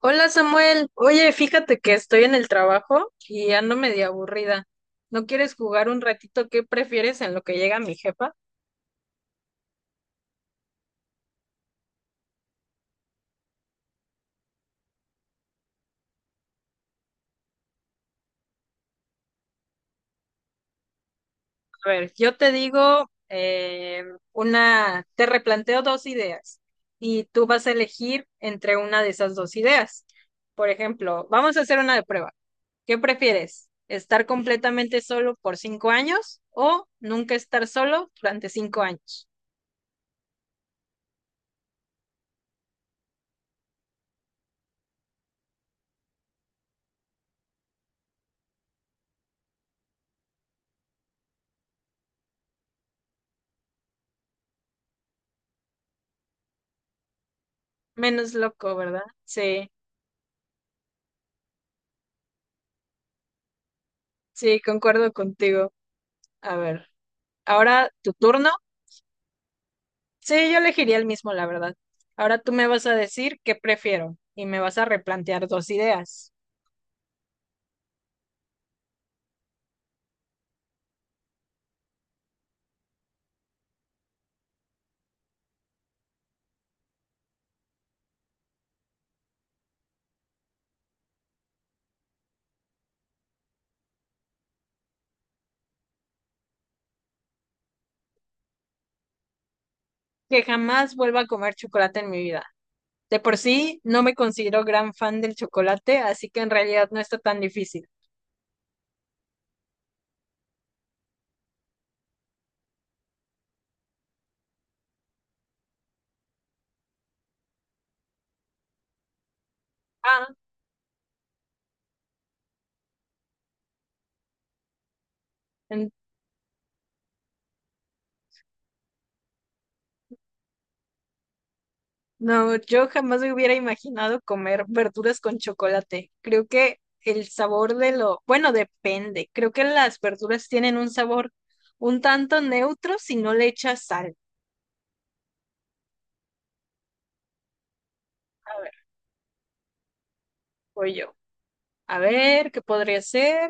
Hola Samuel, oye, fíjate que estoy en el trabajo y ando medio aburrida. ¿No quieres jugar un ratito? ¿Qué prefieres en lo que llega mi jefa? A ver, yo te digo una, te replanteo dos ideas y tú vas a elegir entre una de esas dos ideas. Por ejemplo, vamos a hacer una de prueba. ¿Qué prefieres? ¿Estar completamente solo por 5 años o nunca estar solo durante 5 años? Menos loco, ¿verdad? Sí, sí, concuerdo contigo. A ver, ahora tu turno. Sí, yo elegiría el mismo, la verdad. Ahora tú me vas a decir qué prefiero y me vas a replantear dos ideas. Que jamás vuelva a comer chocolate en mi vida. De por sí, no me considero gran fan del chocolate, así que en realidad no está tan difícil. Ah, en- no, yo jamás me hubiera imaginado comer verduras con chocolate. Creo que el sabor bueno, depende. Creo que las verduras tienen un sabor un tanto neutro si no le echas sal. Voy yo. A ver, ¿qué podría ser?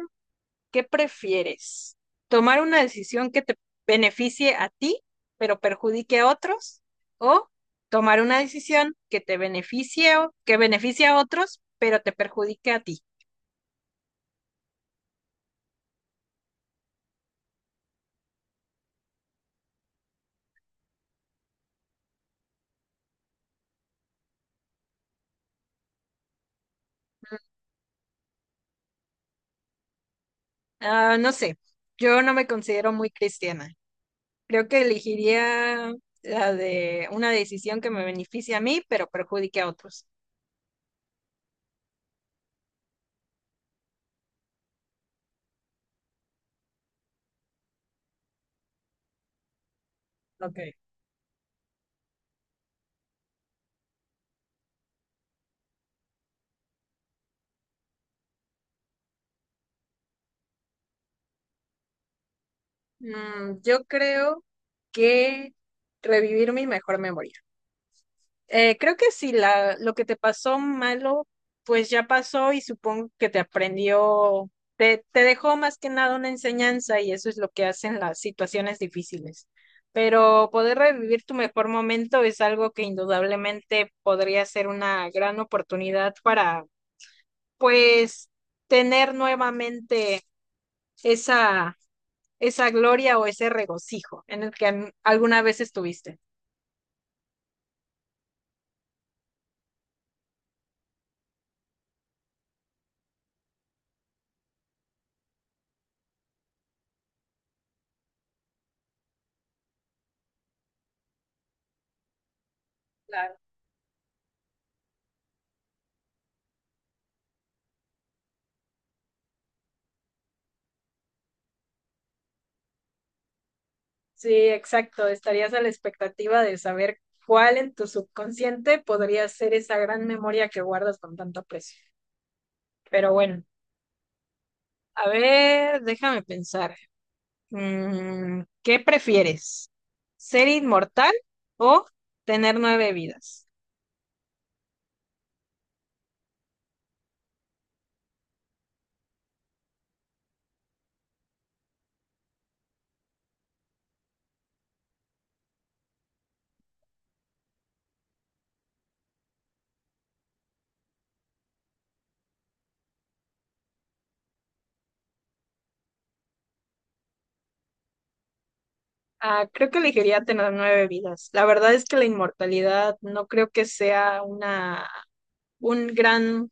¿Qué prefieres? ¿Tomar una decisión que te beneficie a ti, pero perjudique a otros? ¿O tomar una decisión que te que beneficie a otros, pero te perjudique a ti? Ah, no sé, yo no me considero muy cristiana. Creo que elegiría la de una decisión que me beneficie a mí, pero perjudique a otros. Ok. Mm, yo creo que revivir mi mejor memoria. Creo que si la, lo que te pasó malo, pues ya pasó y supongo que te aprendió, te dejó más que nada una enseñanza y eso es lo que hacen las situaciones difíciles. Pero poder revivir tu mejor momento es algo que indudablemente podría ser una gran oportunidad para, pues, tener nuevamente esa, esa gloria o ese regocijo en el que alguna vez estuviste. Sí, exacto. Estarías a la expectativa de saber cuál en tu subconsciente podría ser esa gran memoria que guardas con tanto aprecio. Pero bueno, a ver, déjame pensar. Mm, ¿qué prefieres? ¿Ser inmortal o tener 9 vidas? Ah, creo que elegiría tener 9 vidas. La verdad es que la inmortalidad no creo que sea un gran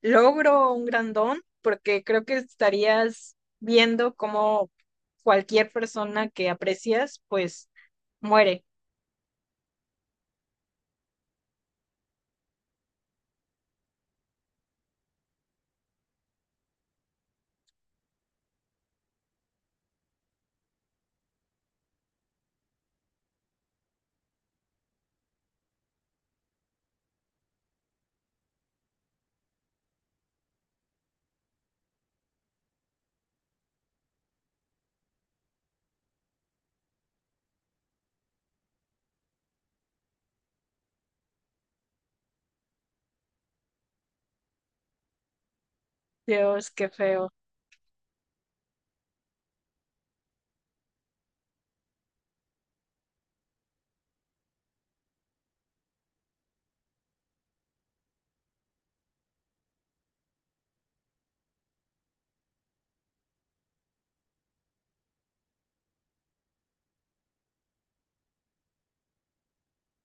logro, un gran don, porque creo que estarías viendo cómo cualquier persona que aprecias, pues muere. Dios, qué feo.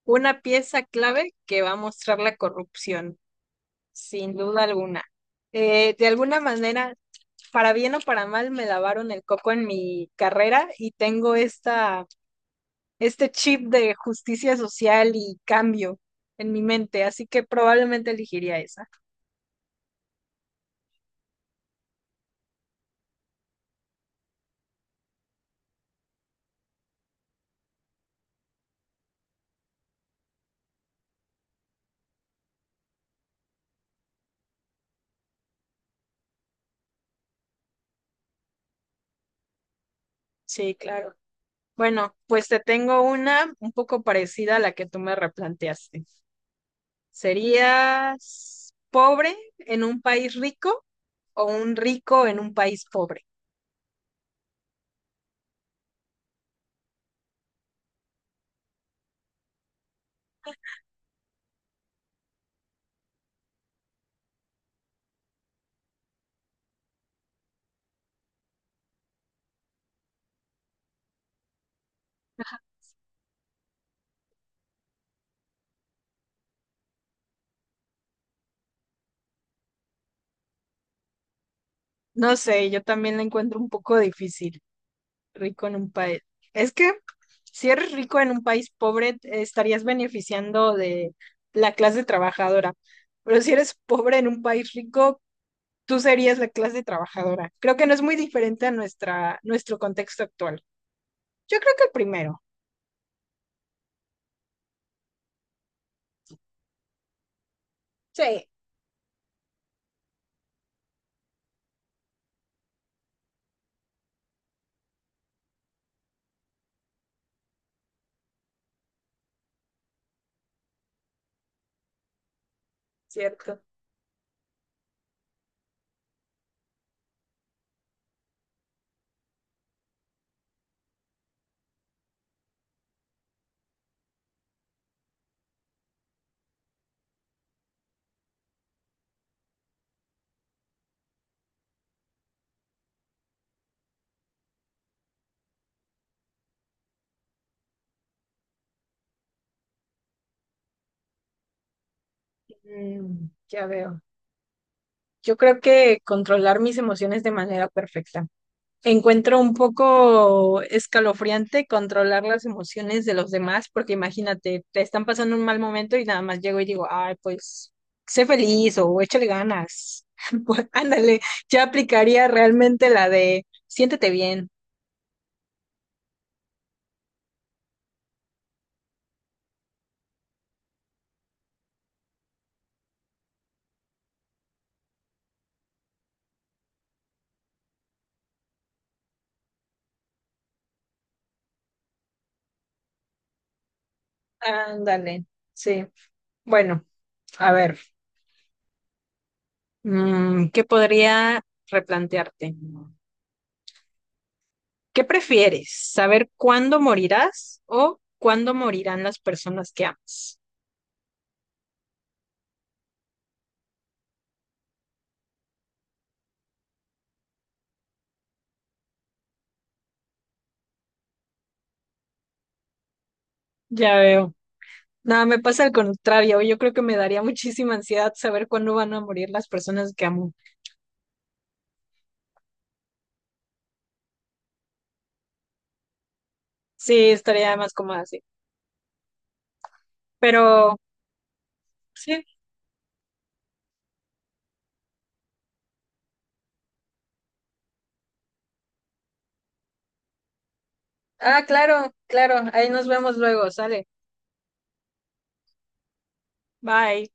Una pieza clave que va a mostrar la corrupción, sin duda alguna. De alguna manera, para bien o para mal, me lavaron el coco en mi carrera y tengo este chip de justicia social y cambio en mi mente, así que probablemente elegiría esa. Sí, claro. Bueno, pues te tengo una un poco parecida a la que tú me replanteaste. ¿Serías pobre en un país rico o un rico en un país pobre? No sé, yo también la encuentro un poco difícil, rico en un país. Es que si eres rico en un país pobre, te estarías beneficiando de la clase trabajadora, pero si eres pobre en un país rico, tú serías la clase trabajadora. Creo que no es muy diferente a nuestro contexto actual. Yo creo que el primero. Sí, cierto. Mm, ya veo. Yo creo que controlar mis emociones de manera perfecta. Encuentro un poco escalofriante controlar las emociones de los demás, porque imagínate, te están pasando un mal momento y nada más llego y digo, ay, pues, sé feliz o échale ganas. Pues, ándale, ya aplicaría realmente la de siéntete bien. Ándale, sí. Bueno, a ver, mm, ¿qué podría replantearte? ¿Qué prefieres? ¿Saber cuándo morirás o cuándo morirán las personas que amas? Ya veo. Nada, me pasa al contrario. Yo creo que me daría muchísima ansiedad saber cuándo van a morir las personas que amo. Sí, estaría más cómoda así. Pero sí. Ah, claro, claro. Ahí nos vemos luego. Sale. Bye.